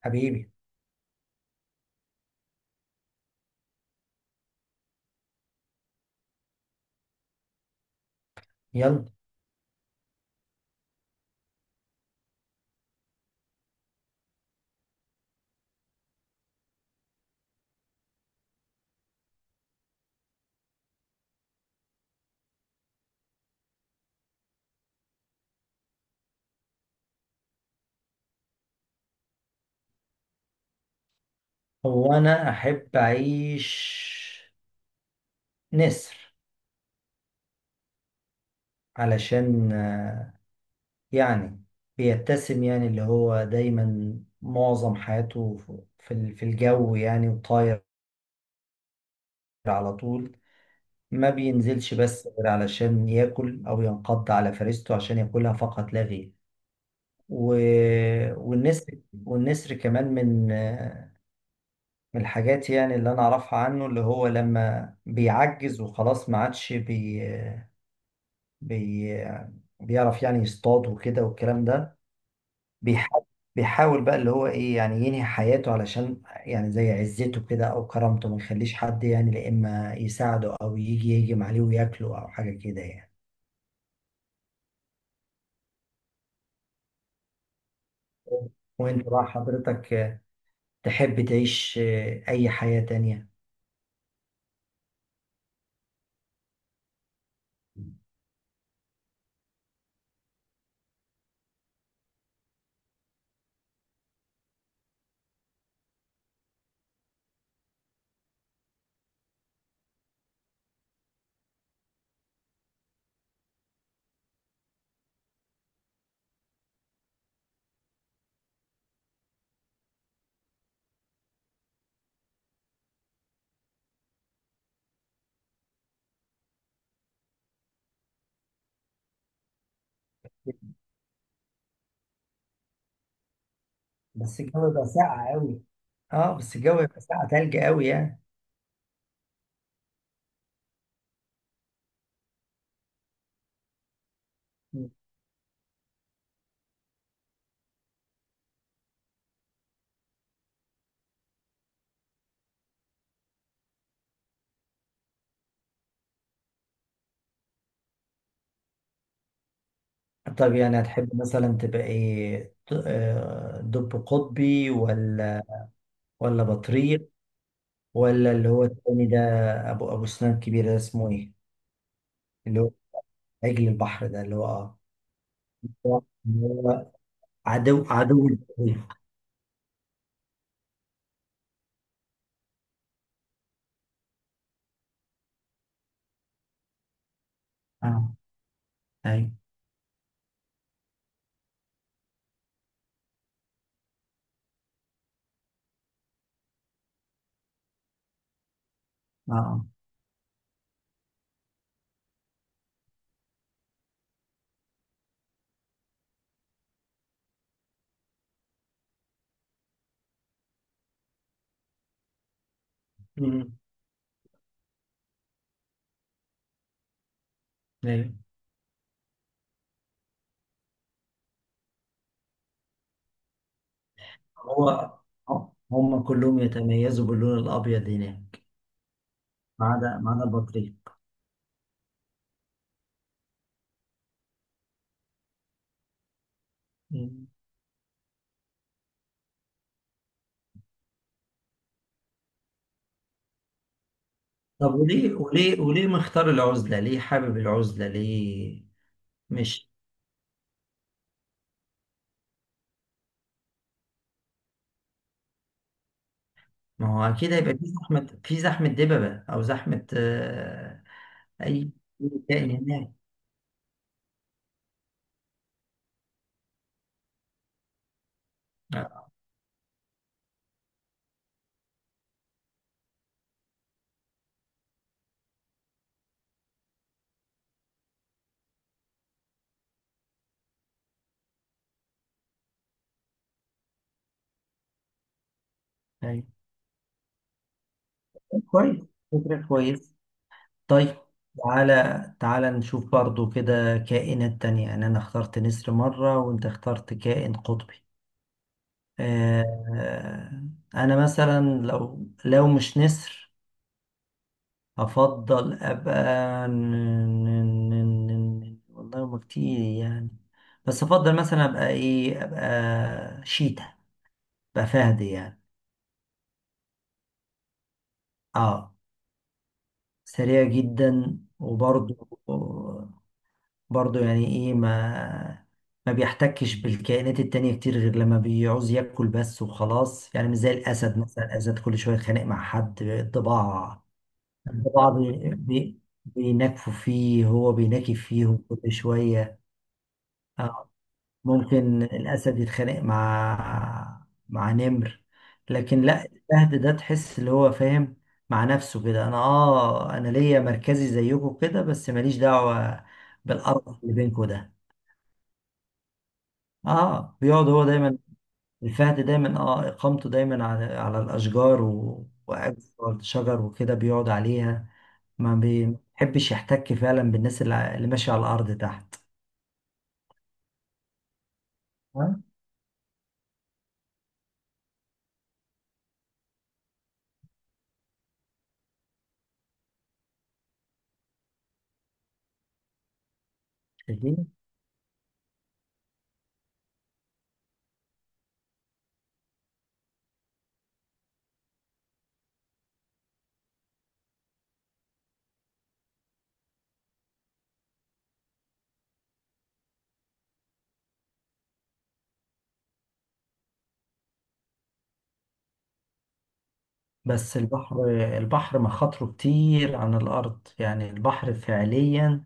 حبيبي. يلا. هو انا احب اعيش نسر علشان يعني بيتسم، يعني اللي هو دايما معظم حياته في الجو يعني وطاير على طول. ما بينزلش بس غير علشان ياكل او ينقض على فريسته عشان ياكلها فقط لا غير. و... والنسر والنسر كمان من الحاجات يعني اللي انا اعرفها عنه، اللي هو لما بيعجز وخلاص ما عادش بي... بيعرف يعني يصطاد وكده والكلام ده. بيحاول بيحاول بقى اللي هو ايه يعني، ينهي حياته علشان يعني زي عزته كده او كرامته، ما يخليش حد يعني لا اما يساعده او يجي يهجم عليه وياكله او حاجة كده يعني. وانت بقى حضرتك، تحب تعيش اي حياة تانية؟ بس الجو بقى ساقع قوي. اه بس الجو يبقى ساقع تلج قوي يعني. مم. طب يعني هتحب مثلا تبقى ايه، دب قطبي، ولا بطريق، ولا اللي هو التاني ده، ابو سنان كبير ده اسمه ايه؟ اللي هو عجل البحر ده، اللي هو عدو البحر؟ اه، ايوه، اه، آه. امم. ايوه، هو هم كلهم يتميزوا باللون الابيض هناك، ما عدا البطريق. مم. طب وليه مختار العزلة؟ ليه حابب العزلة؟ ليه؟ مش. ما هو أكيد هيبقى في زحمة دببة، أو زحمة أي تاني هناك. آه. أيوة. كويس. فكرة كويس. طيب، تعالى تعالى نشوف برضو كده كائنات تانية يعني. أنا اخترت نسر مرة وأنت اخترت كائن قطبي. آه، أنا مثلا لو مش نسر، أفضل أبقى والله هما كتير يعني. بس أفضل مثلا أبقى إيه، أبقى شيتا، أبقى فهد يعني. آه سريع جدا وبرضو يعني ايه، ما بيحتكش بالكائنات التانية كتير غير لما بيعوز ياكل بس وخلاص. يعني مش زي الأسد مثلا، الأسد كل شوية يتخانق مع حد، الضباع، الضباع بي... بي... بينكفوا فيه، هو بينكف فيهم كل شوية. آه، ممكن الأسد يتخانق مع نمر. لكن لا، الفهد ده تحس اللي هو فاهم مع نفسه كده، أنا ليا مركزي زيكم كده، بس ماليش دعوة بالقرف اللي بينكم ده. اه بيقعد هو دايما الفهد دايما، اقامته دايما على الاشجار، وقاعد على الشجر وكده بيقعد عليها. ما بيحبش يحتك فعلا بالناس اللي ماشيه على الارض تحت. آه، شايفين؟ بس البحر البحر مخاطره كتير عن الارض يعني. البحر فعليا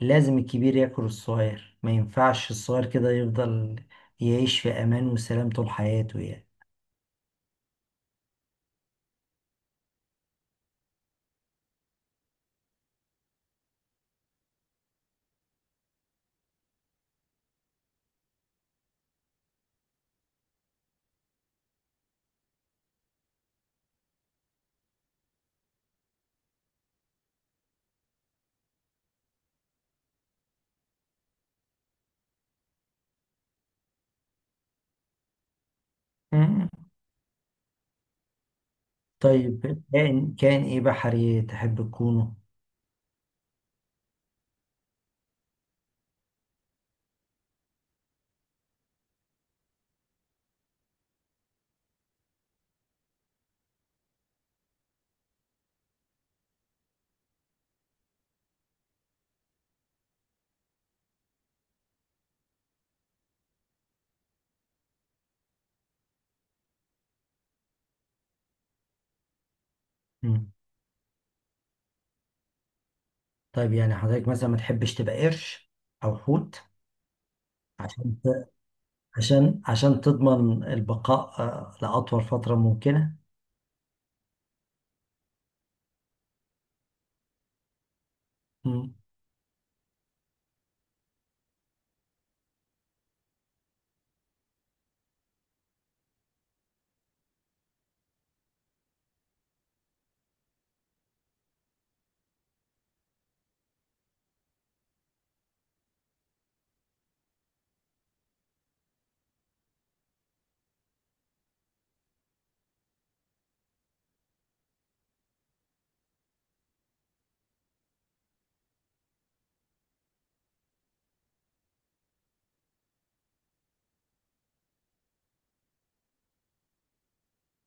لازم الكبير ياكل الصغير، ما ينفعش الصغير كده يفضل يعيش في امان وسلام طول حياته يعني. مم. طيب، كائن ايه بحري تحب تكونه؟ طيب يعني حضرتك مثلا ما تحبش تبقى قرش او حوت، عشان عشان تضمن البقاء لاطول فتره ممكنه؟ مم.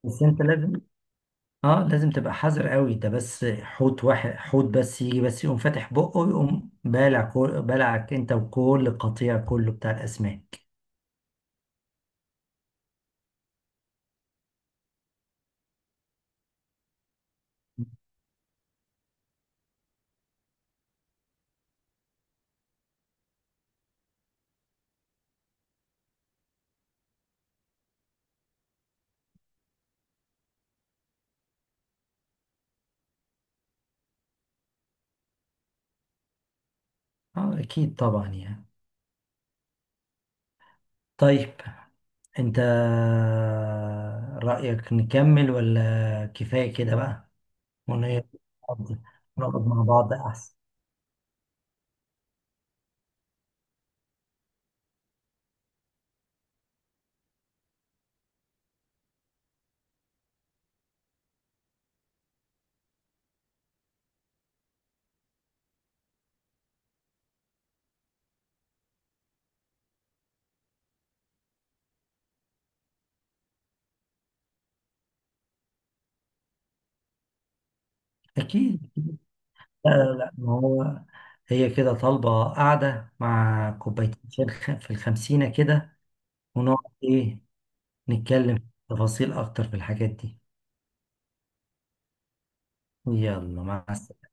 بس انت لازم تبقى حذر قوي. ده بس حوت واحد، حوت بس يجي، بس يقوم فاتح بقه ويقوم بالع كل، بالعك انت وكل قطيع كله بتاع الاسماك. اه، اكيد طبعا يعني. طيب، انت رأيك نكمل ولا كفاية كده بقى؟ أغنية. نقعد مع بعض أحسن. أكيد. لا، لا، لا، ما هو هي كده طالبة قاعدة مع كوبايتين شاي في الخمسينة كده، ونقعد إيه، نتكلم تفاصيل أكتر في الحاجات دي. يلا، مع السلامة.